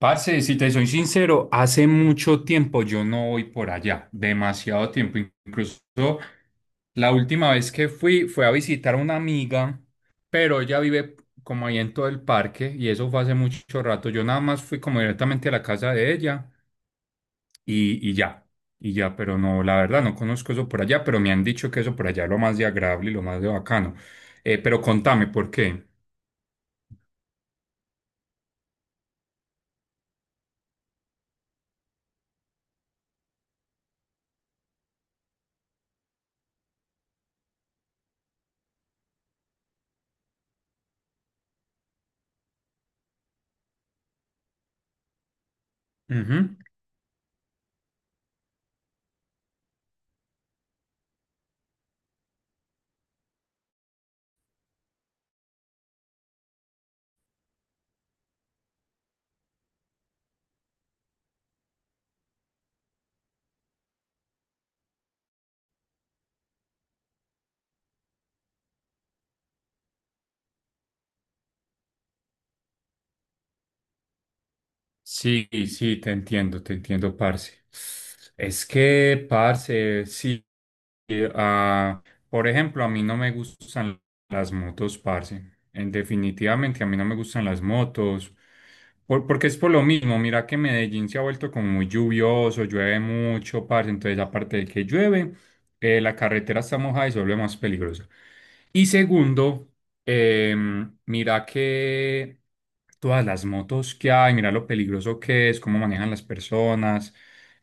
Parce, si te soy sincero, hace mucho tiempo yo no voy por allá, demasiado tiempo. Incluso la última vez que fui fue a visitar a una amiga, pero ella vive como ahí en todo el parque y eso fue hace mucho rato. Yo nada más fui como directamente a la casa de ella y ya, y ya, pero no, la verdad no conozco eso por allá, pero me han dicho que eso por allá es lo más de agradable y lo más de bacano. Pero contame, ¿por qué? Ujú. Sí, sí, te entiendo, parce. Es que, parce, sí, eh, ah, por ejemplo, a mí no me gustan las motos, parce. En definitivamente a mí no me gustan las motos, porque es por lo mismo. Mira que Medellín se ha vuelto como muy lluvioso, llueve mucho, parce. Entonces, aparte de que llueve, la carretera está mojada y se vuelve más peligrosa. Y segundo, eh, mira que todas las motos que hay, mira lo peligroso que es, cómo manejan las personas.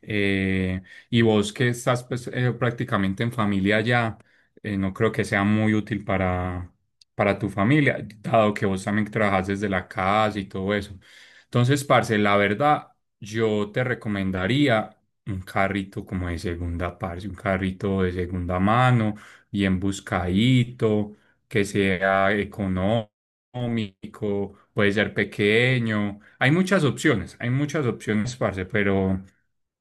eh, y vos que estás pues, prácticamente en familia ya, no creo que sea muy útil para tu familia, dado que vos también trabajas desde la casa y todo eso. Entonces, parce, la verdad, yo te recomendaría un carrito como de segunda parte, un carrito de segunda mano, bien buscadito, que sea económico, puede ser pequeño. Hay muchas opciones, parce,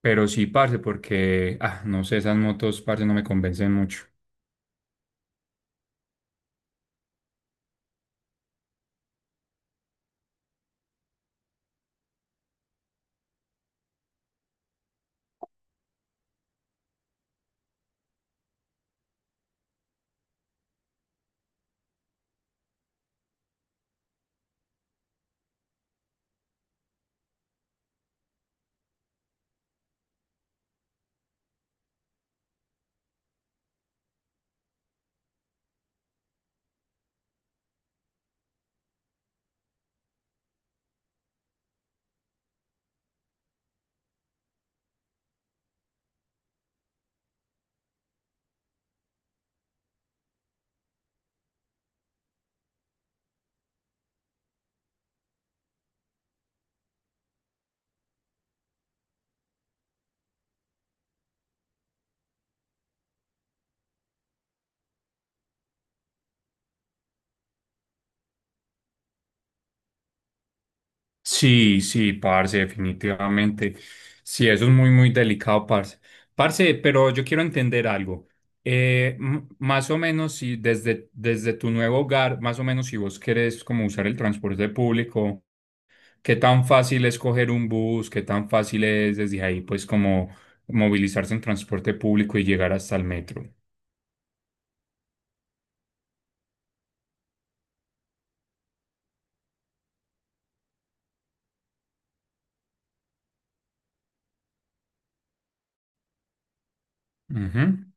pero sí, parce, porque, ah, no sé, esas motos, parce, no me convencen mucho. Sí, sí, parce, definitivamente. Sí, eso es muy, muy delicado, parce. Parce, pero yo quiero entender algo. Más o menos, si desde tu nuevo hogar, más o menos si vos querés como usar el transporte público, ¿qué tan fácil es coger un bus? ¿Qué tan fácil es desde ahí, pues, como movilizarse en transporte público y llegar hasta el metro? Ujú.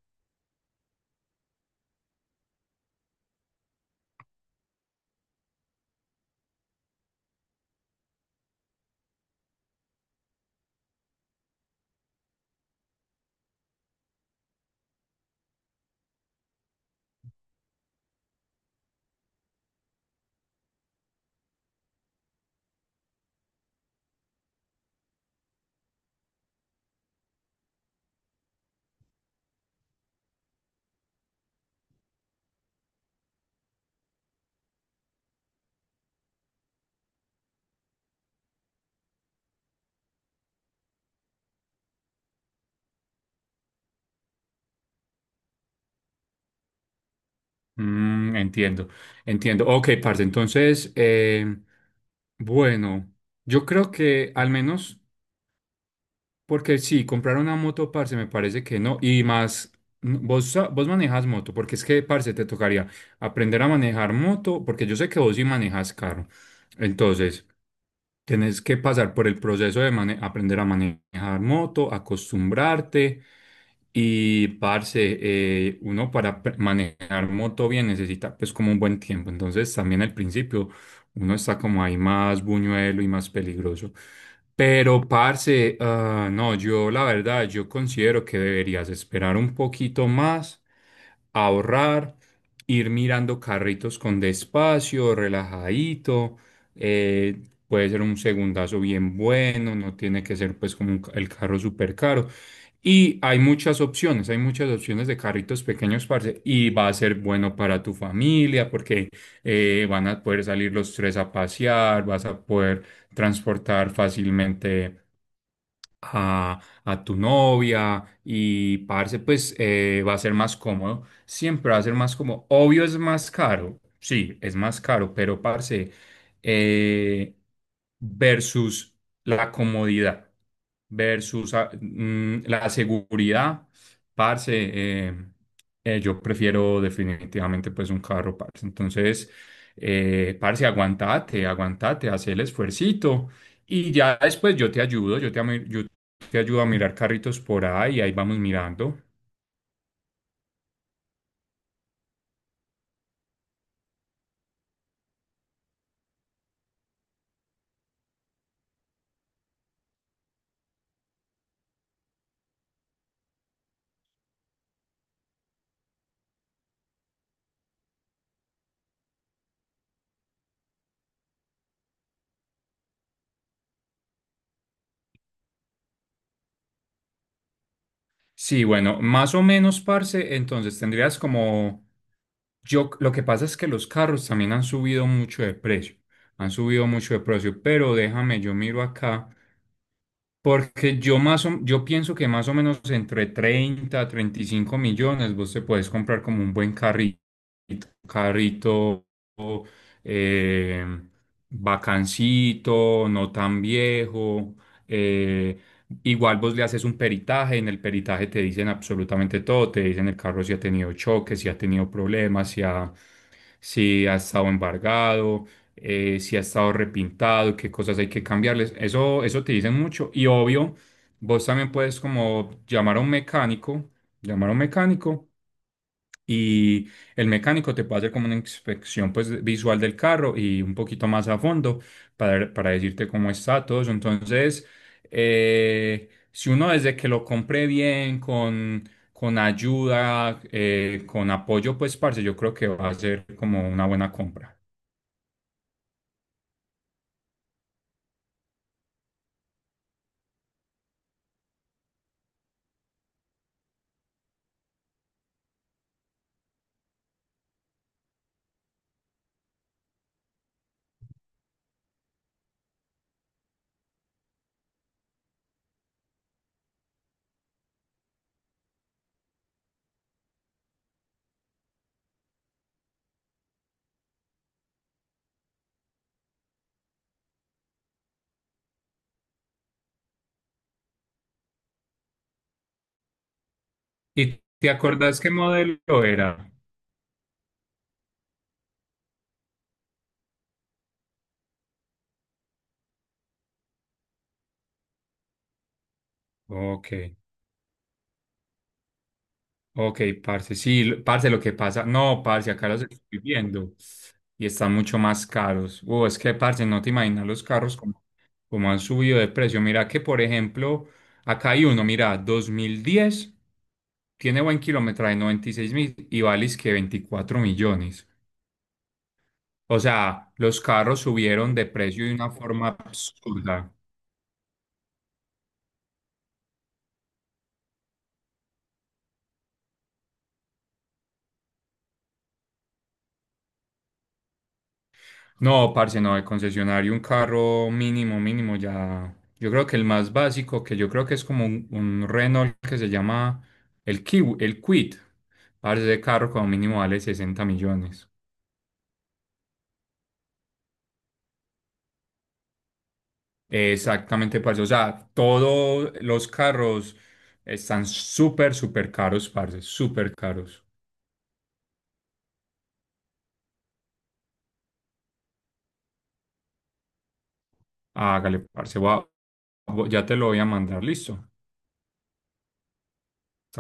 Mm, entiendo, entiendo. Ok, parce, entonces, bueno, yo creo que al menos... Porque sí, comprar una moto, parce, me parece que no. Y más, vos, vos manejas moto, porque es que, parce, te tocaría aprender a manejar moto, porque yo sé que vos sí manejas carro. Entonces, tenés que pasar por el proceso de aprender a manejar moto, acostumbrarte. Y, parce, uno para manejar moto bien necesita, pues, como un buen tiempo. Entonces, también al principio uno está como ahí más buñuelo y más peligroso. Pero, parce, no, yo la verdad, yo considero que deberías esperar un poquito más, ahorrar, ir mirando carritos con despacio, relajadito, eh, puede ser un segundazo bien bueno, no tiene que ser pues como un el carro súper caro. Y hay muchas opciones de carritos pequeños, parce, y va a ser bueno para tu familia porque van a poder salir los tres a pasear, vas a poder transportar fácilmente a tu novia y parce, pues va a ser más cómodo. Siempre va a ser más cómodo. Obvio es más caro, sí, es más caro, pero parce, eh, versus la comodidad, versus la seguridad, parce, eh, yo prefiero definitivamente pues un carro, parce. Entonces, parce, aguantate, aguantate, haz el esfuercito. Y ya después yo te ayudo, yo te, yo te ayudo a mirar carritos por ahí y ahí vamos mirando. Sí, bueno, más o menos, parce, entonces tendrías como... Yo, lo que pasa es que los carros también han subido mucho de precio, han subido mucho de precio, pero déjame, yo miro acá, porque yo yo pienso que más o menos entre 30 a 35 millones vos te puedes comprar como un buen carrito, carrito eh, bacancito, no tan viejo. eh, Igual vos le haces un peritaje, en el peritaje te dicen absolutamente todo, te dicen el carro si ha tenido choques, si ha tenido problemas, si ha estado embargado, si ha estado repintado, qué cosas hay que cambiarles. Eso te dicen mucho. Y obvio, vos también puedes como llamar a un mecánico, llamar a un mecánico y el mecánico te puede hacer como una inspección pues visual del carro y un poquito más a fondo para decirte cómo está todo eso. Entonces, si uno desde que lo compré bien, con ayuda, con apoyo, pues parce, yo creo que va a ser como una buena compra. ¿Y te acordás qué modelo era? Ok. Ok, parce, sí, parce, lo que pasa, no, parce, acá los estoy viendo y están mucho más caros. Es que, parce, no te imaginas los carros como, como han subido de precio. Mira que, por ejemplo, acá hay uno, mira, 2010, tiene buen kilometraje, 96.000 y vale es que 24 millones. O sea, los carros subieron de precio de una forma absurda. No, parce, no, el concesionario, un carro mínimo, mínimo, ya. Yo creo que el más básico, que yo creo que es como un Renault que se llama el Kiwi, el Quid, parce, ese carro como mínimo vale 60 millones. Exactamente, parce. O sea, todos los carros están súper, súper caros, parce, súper caros. Hágale, parce, ya te lo voy a mandar, listo.